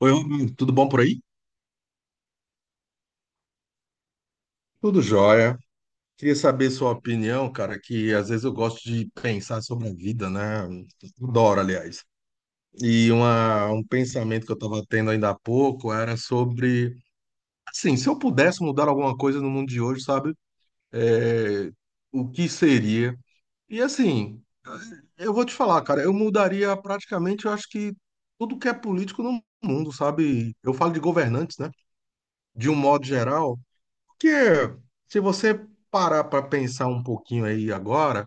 Oi, Rubinho, tudo bom por aí? Tudo jóia. Queria saber sua opinião, cara, que às vezes eu gosto de pensar sobre a vida, né? Adoro, aliás. E um pensamento que eu estava tendo ainda há pouco era sobre, assim, se eu pudesse mudar alguma coisa no mundo de hoje, sabe? É, o que seria? E assim, eu vou te falar, cara, eu mudaria praticamente, eu acho que tudo que é político no mundo, sabe? Eu falo de governantes, né? De um modo geral. Que se você parar para pensar um pouquinho aí agora,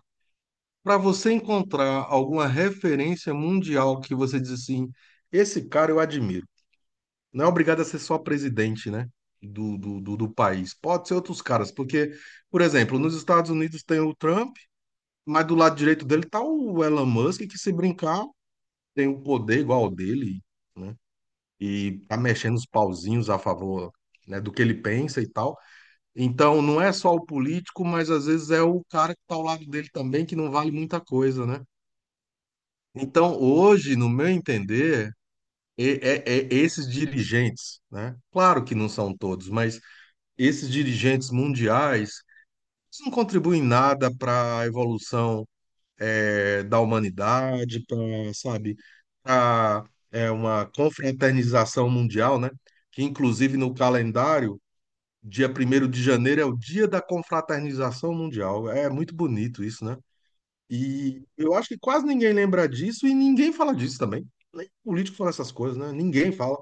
para você encontrar alguma referência mundial que você diz assim, esse cara eu admiro. Não é obrigado a ser só presidente, né? Do país. Pode ser outros caras, porque, por exemplo, nos Estados Unidos tem o Trump, mas do lado direito dele tá o Elon Musk, que se brincar, tem o poder igual ao dele, né? E tá mexendo os pauzinhos a favor, né, do que ele pensa e tal. Então, não é só o político, mas às vezes é o cara que está ao lado dele também, que não vale muita coisa, né? Então, hoje, no meu entender, é esses dirigentes, né? Claro que não são todos, mas esses dirigentes mundiais eles não contribuem nada para a evolução da humanidade, para, sabe, para uma confraternização mundial, né? Que inclusive no calendário dia primeiro de janeiro é o Dia da Confraternização Mundial. É muito bonito isso, né? E eu acho que quase ninguém lembra disso e ninguém fala disso também. Nem político fala essas coisas, né? Ninguém fala.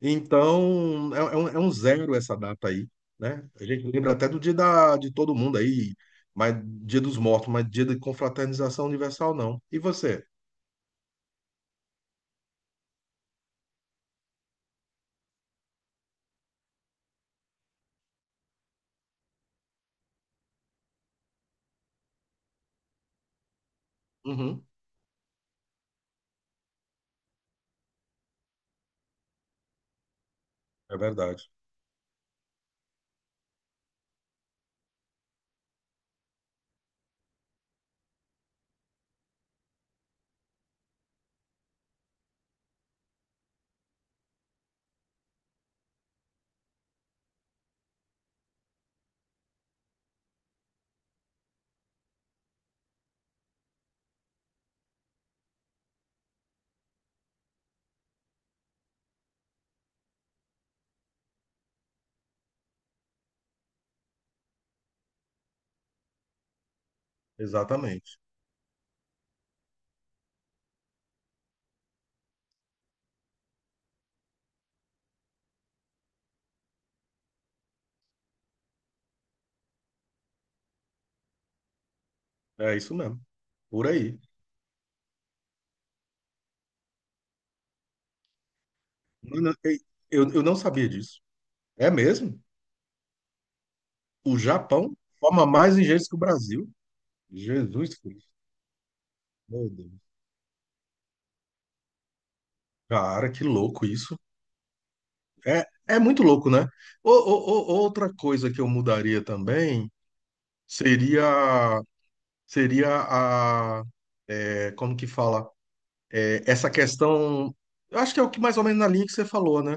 Então, é um zero essa data aí, né? A gente lembra até do dia da, de todo mundo aí, mas dia dos mortos, mas dia de confraternização universal, não. E você? Uhum, é verdade. Exatamente. É isso mesmo. Por aí. Eu, não- eu não sabia disso. É mesmo? O Japão forma mais engenheiros que o Brasil. Jesus Cristo. Meu Deus. Cara, que louco isso. É muito louco, né? Outra coisa que eu mudaria também seria seria como que fala? Essa questão, eu acho que é o que mais ou menos na linha que você falou, né?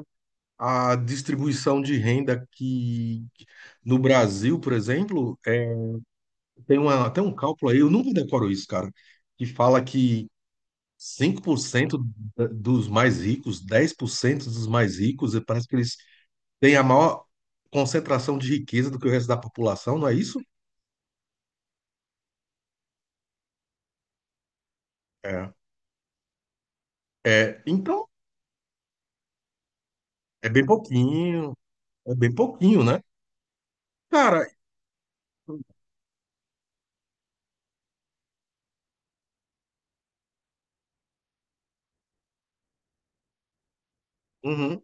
A distribuição de renda que no Brasil, por exemplo, tem um cálculo aí, eu nunca decoro isso, cara, que fala que 5% dos mais ricos, 10% dos mais ricos, e parece que eles têm a maior concentração de riqueza do que o resto da população, não é isso? É. É, então, é bem pouquinho, é bem pouquinho, né? Cara, uhum,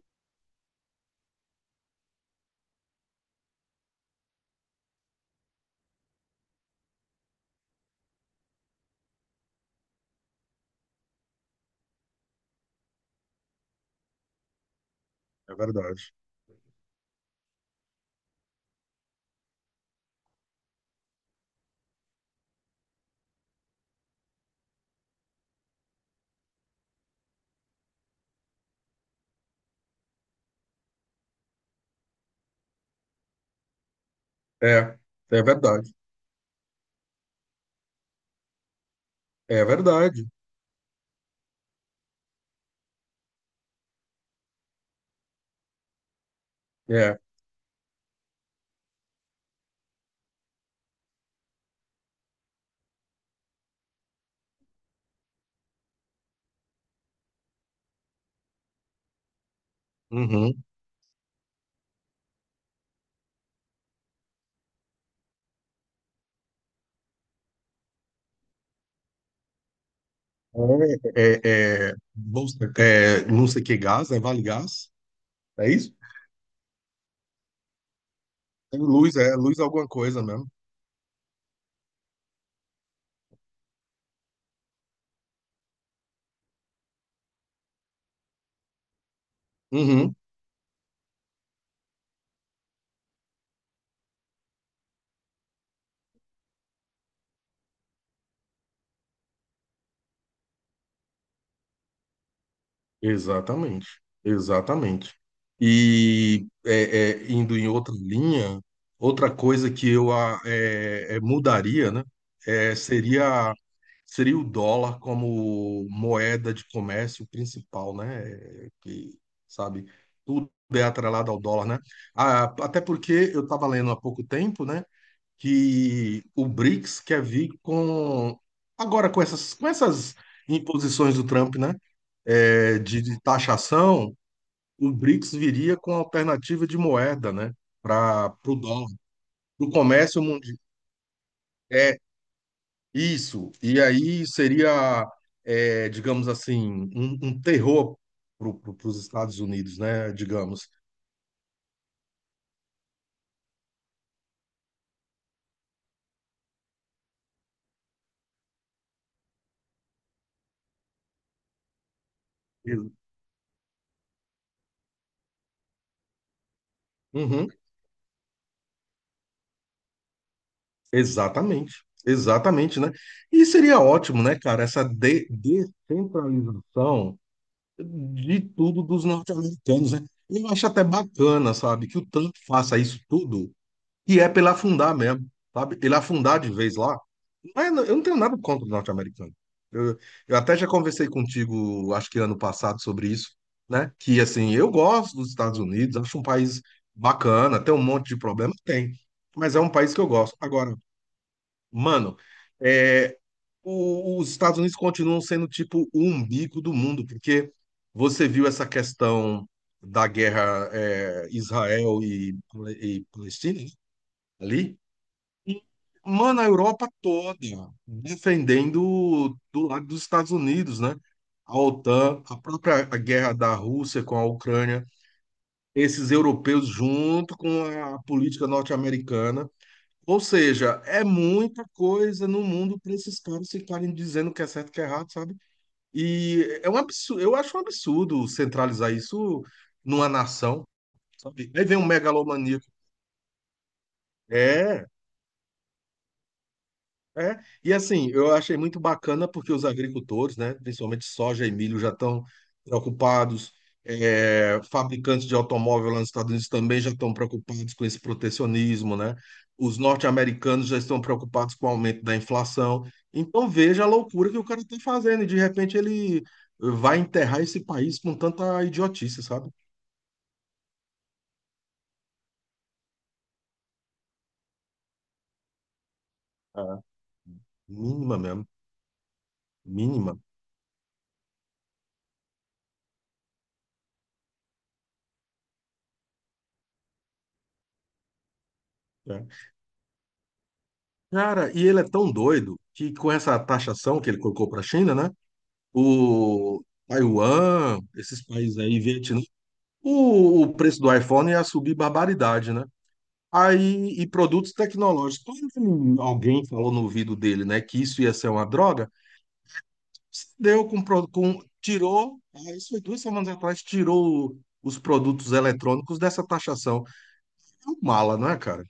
é verdade. É, é verdade, é verdade. É, uhum. Não sei que gás, é Vale Gás, é isso? É luz, é alguma coisa mesmo. Uhum. Exatamente, exatamente. E indo em outra linha, outra coisa que eu mudaria, né, é, seria seria o dólar como moeda de comércio principal, né? Que, sabe, tudo é atrelado ao dólar, né? Ah, até porque eu estava lendo há pouco tempo, né? Que o BRICS quer vir com agora com essas imposições do Trump, né? de taxação, o BRICS viria com alternativa de moeda, né? Para o dólar, para o comércio mundial. É isso. E aí seria, digamos assim, um terror para os Estados Unidos, né? Digamos. Uhum. Exatamente, exatamente, né? E seria ótimo, né, cara, essa descentralização de tudo dos norte-americanos, né? Eu acho até bacana, sabe, que o Trump faça isso tudo, e é pela afundar mesmo, sabe? Ele afundar de vez lá. Eu não tenho nada contra o norte-americano. Eu, eu até já conversei contigo, acho que ano passado, sobre isso, né? Que, assim, eu gosto dos Estados Unidos, acho um país bacana, tem um monte de problema, tem, mas é um país que eu gosto. Agora, mano, é, os Estados Unidos continuam sendo tipo o umbigo do mundo, porque você viu essa questão da guerra Israel e Palestina, né, ali? E, mano, a Europa toda defendendo do lado dos Estados Unidos, né? A OTAN, a própria guerra da Rússia com a Ucrânia, esses europeus junto com a política norte-americana. Ou seja, é muita coisa no mundo para esses caras ficarem dizendo o que é certo e o que é errado, sabe? E é um absurdo, eu acho um absurdo centralizar isso numa nação, sabe? Aí vem um megalomaníaco. É, e assim, eu achei muito bacana porque os agricultores, né, principalmente soja e milho, já estão preocupados. Fabricantes de automóvel lá nos Estados Unidos também já estão preocupados com esse protecionismo, né? Os norte-americanos já estão preocupados com o aumento da inflação. Então veja a loucura que o cara está fazendo e de repente ele vai enterrar esse país com tanta idiotice, sabe? É. Mínima mesmo, mínima. Né? Cara, e ele é tão doido que com essa taxação que ele colocou para a China, né, o Taiwan, esses países aí, Vietnã, o preço do iPhone ia subir barbaridade, né? Aí, e produtos tecnológicos. Quando alguém falou no ouvido dele, né, que isso ia ser uma droga, se deu com, pro- com tirou, ah, isso foi 2 semanas atrás, tirou os produtos eletrônicos dessa taxação. É um mala, não é, cara?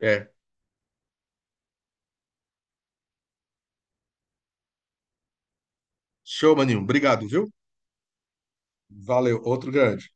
É. Show, maninho. Obrigado, viu? Valeu. Outro grande.